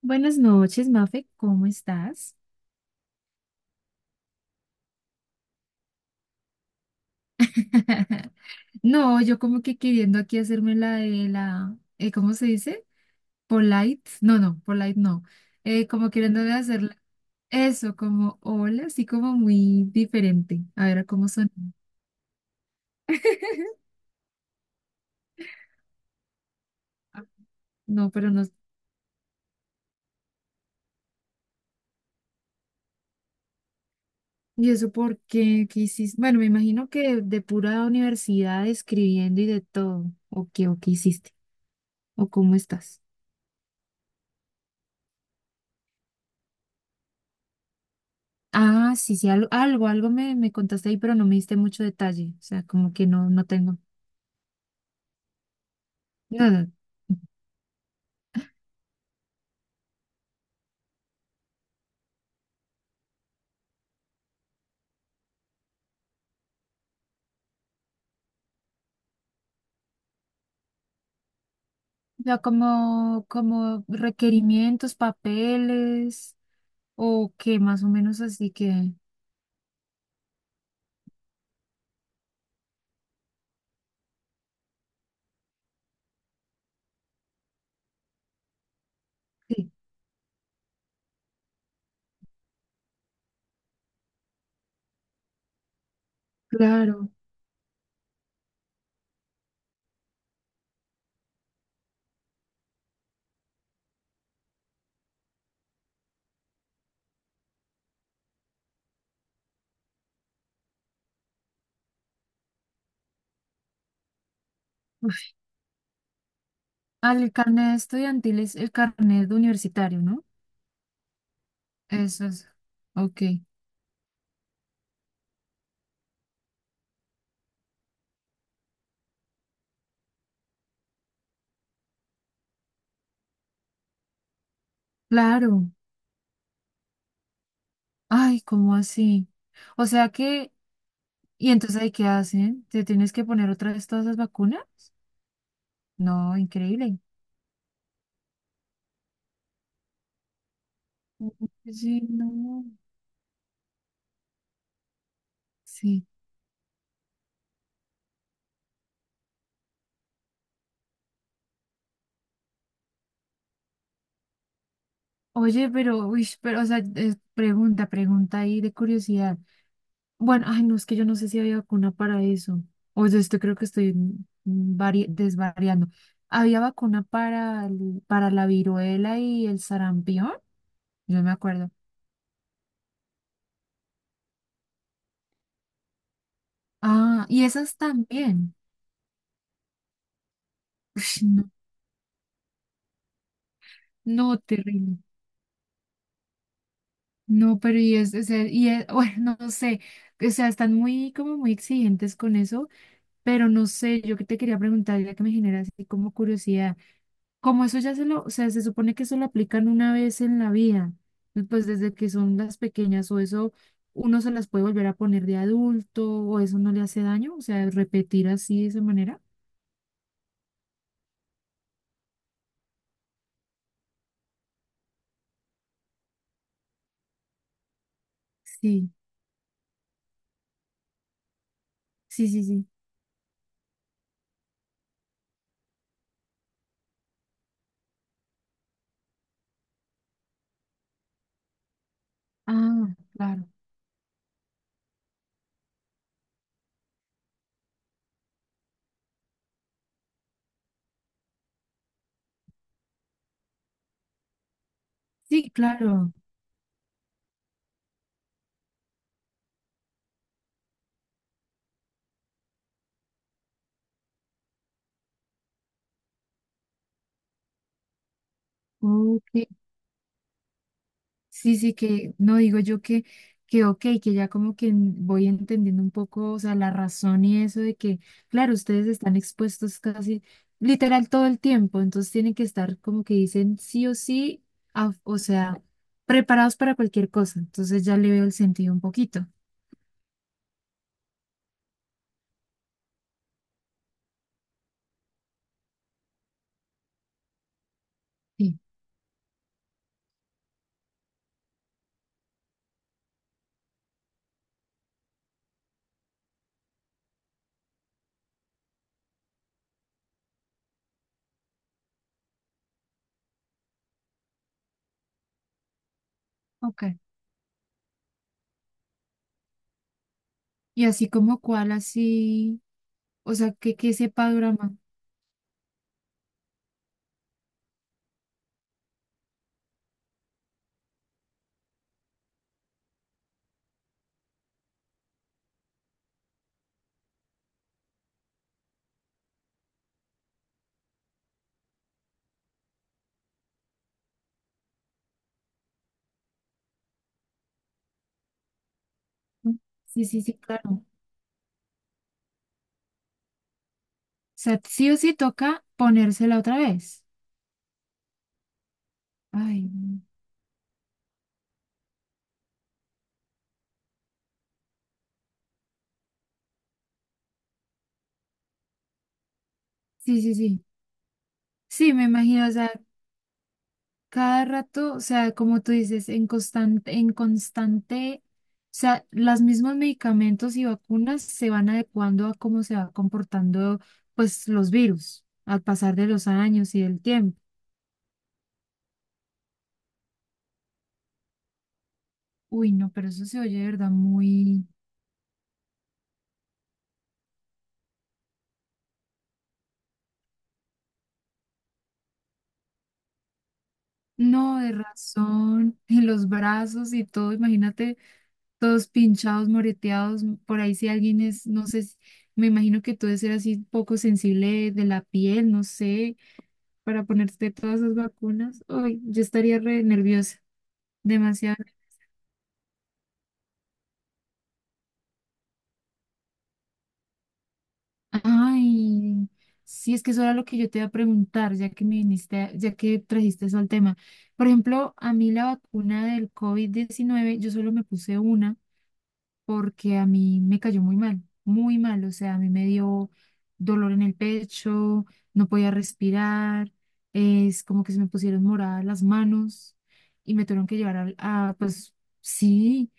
Buenas noches, Mafe, ¿cómo estás? No, yo como que queriendo aquí hacerme la de la, ¿cómo se dice? Polite, no, no, polite no, como queriéndome hacer eso, como hola, así como muy diferente, a ver cómo son. No, pero no, ¿y eso por qué? ¿Qué hiciste? Bueno, me imagino que de pura universidad escribiendo y de todo, o qué hiciste, o cómo estás. Ah, sí, sí, algo, me contaste ahí, pero no me diste mucho detalle. O sea, como que no tengo. No, no. O como requerimientos, papeles, o qué, más o menos así que. Sí, claro. Ah, el carnet estudiantil es el carnet de universitario, ¿no? Eso es. Ok. Claro. Ay, ¿cómo así? O sea que. ¿Y entonces ahí qué hacen? ¿Te tienes que poner otra vez todas las vacunas? No, increíble. Oye, no. Sí. Oye, pero, uy, pero, o sea, es pregunta, pregunta ahí de curiosidad. Bueno, ay, no, es que yo no sé si había vacuna para eso. O sea, esto creo que estoy desvariando. ¿Había vacuna para, para la viruela y el sarampión? Yo me acuerdo. Ah, y esas también. Ush, no, no, terrible. No, pero y es, o sea, bueno, no sé. O sea, están muy, como muy exigentes con eso. Pero no sé, yo que te quería preguntar, ya que me genera así como curiosidad, como eso ya se lo, o sea, se supone que eso lo aplican una vez en la vida, y pues desde que son las pequeñas o eso uno se las puede volver a poner de adulto o eso no le hace daño, o sea, repetir así de esa manera. Sí, sí, sí, sí. Ah, claro. Sí, claro. Ok. Sí, sí, que no digo yo que, ok, que ya como que voy entendiendo un poco, o sea, la razón y eso de que, claro, ustedes están expuestos casi literal todo el tiempo, entonces tienen que estar como que dicen sí o sí, o sea, preparados para cualquier cosa, entonces ya le veo el sentido un poquito. Sí, ok. Y así como cuál, así, o sea, que sepa Durama. Sí, sí, sí, claro. O sea, sí o sí toca ponérsela otra vez. Ay, no. Sí, sí, sí. Sí, me imagino, o sea, cada rato, o sea, como tú dices, en constante, o sea, los mismos medicamentos y vacunas se van adecuando a cómo se va comportando, pues, los virus al pasar de los años y del tiempo. Uy, no, pero eso se oye, de verdad, muy, no, de razón, y los brazos y todo, imagínate, todos pinchados, moreteados, por ahí si alguien es, no sé, me imagino que tú debes ser así poco sensible de la piel, no sé para ponerte todas esas vacunas, uy, yo estaría re nerviosa, demasiado. Ay, sí, es que eso era lo que yo te iba a preguntar, ya que me viniste, ya que trajiste eso al tema. Por ejemplo, a mí la vacuna del COVID-19, yo solo me puse una porque a mí me cayó muy mal, o sea, a mí me dio dolor en el pecho, no podía respirar, es como que se me pusieron moradas las manos y me tuvieron que llevar a, pues, sí.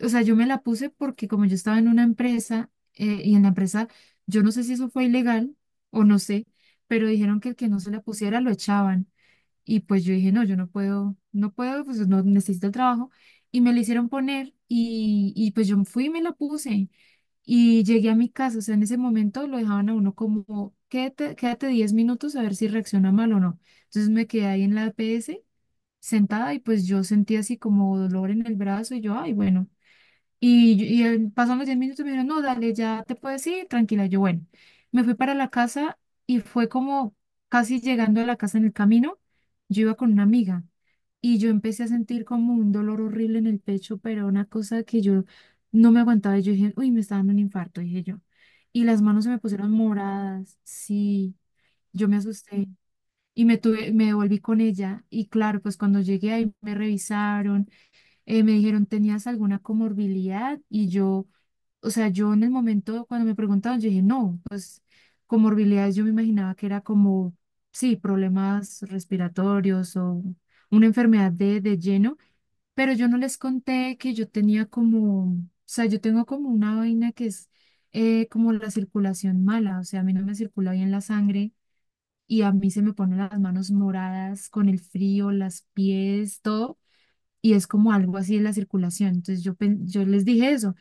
O sea, yo me la puse porque como yo estaba en una empresa y en la empresa, yo no sé si eso fue ilegal o no sé, pero dijeron que el que no se la pusiera lo echaban. Y pues yo dije, no, yo no puedo, no puedo, pues no necesito el trabajo. Y me la hicieron poner y pues yo fui y me la puse y llegué a mi casa. O sea, en ese momento lo dejaban a uno como, quédate, quédate 10 minutos a ver si reacciona mal o no. Entonces me quedé ahí en la APS sentada y pues yo sentí así como dolor en el brazo y yo, ay, bueno. Y pasaron los 10 minutos y me dijeron, no, dale, ya te puedes ir, tranquila. Yo, bueno, me fui para la casa y fue como casi llegando a la casa en el camino, yo iba con una amiga y yo empecé a sentir como un dolor horrible en el pecho, pero una cosa que yo no me aguantaba. Y yo dije, uy, me está dando un infarto, dije yo. Y las manos se me pusieron moradas, sí, yo me asusté y me devolví con ella. Y claro, pues cuando llegué ahí me revisaron, me dijeron, ¿tenías alguna comorbilidad? Y yo, o sea, yo en el momento cuando me preguntaban, yo dije, no, pues comorbilidades yo me imaginaba que era como, sí, problemas respiratorios o una enfermedad de, lleno, pero yo no les conté que yo tenía como, o sea, yo tengo como una vaina que es como la circulación mala, o sea, a mí no me circula bien la sangre. Y a mí se me ponen las manos moradas con el frío, las pies, todo y es como algo así de la circulación. Entonces yo les dije eso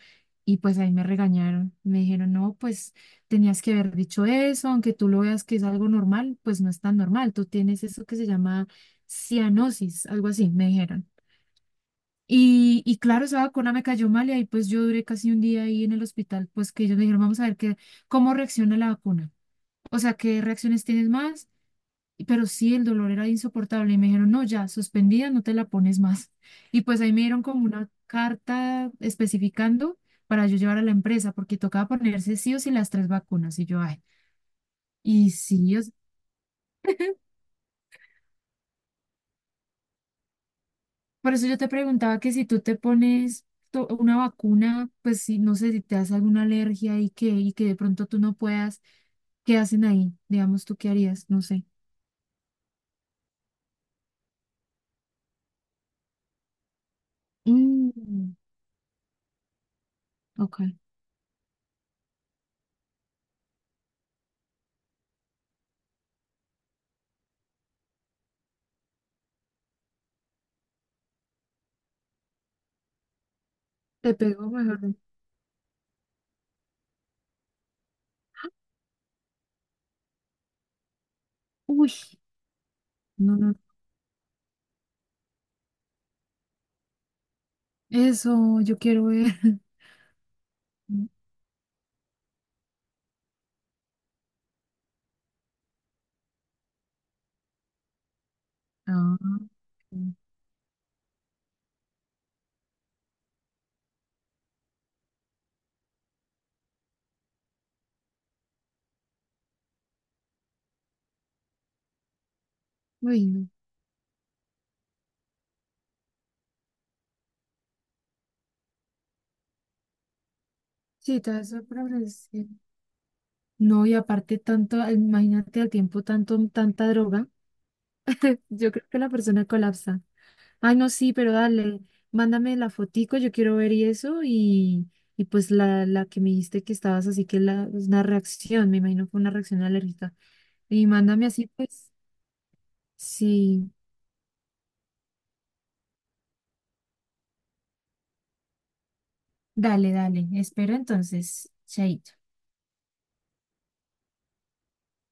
y pues ahí me regañaron. Me dijeron, no, pues tenías que haber dicho eso, aunque tú lo veas que es algo normal, pues no es tan normal. Tú tienes eso que se llama cianosis, algo así, me dijeron. Y claro, esa vacuna me cayó mal y ahí pues yo duré casi un día ahí en el hospital, pues que ellos me dijeron, vamos a ver cómo reacciona la vacuna. O sea, ¿qué reacciones tienes más? Pero sí, el dolor era insoportable. Y me dijeron, no, ya, suspendida, no te la pones más. Y pues ahí me dieron como una carta especificando para yo llevar a la empresa, porque tocaba ponerse sí o sí las tres vacunas. Y yo, ay, y sí, por eso yo te preguntaba que si tú te pones una vacuna, pues si no sé si te hace alguna alergia y que de pronto tú no puedas, ¿qué hacen ahí? Digamos, ¿tú qué harías? No sé. Mm, ok. Te pegó mejor. Uy, no, no. Eso, yo quiero ver. Mm, ah, ok. Bueno, sí, todo eso para agradecer. No, y aparte tanto, imagínate al tiempo tanto, tanta droga. Yo creo que la persona colapsa. Ay, no, sí, pero dale, mándame la fotico, yo quiero ver y eso, y pues la que me dijiste que estabas así que la, es una reacción, me imagino fue una reacción alérgica. Y mándame así, pues, sí, dale, dale, espero entonces, chaito.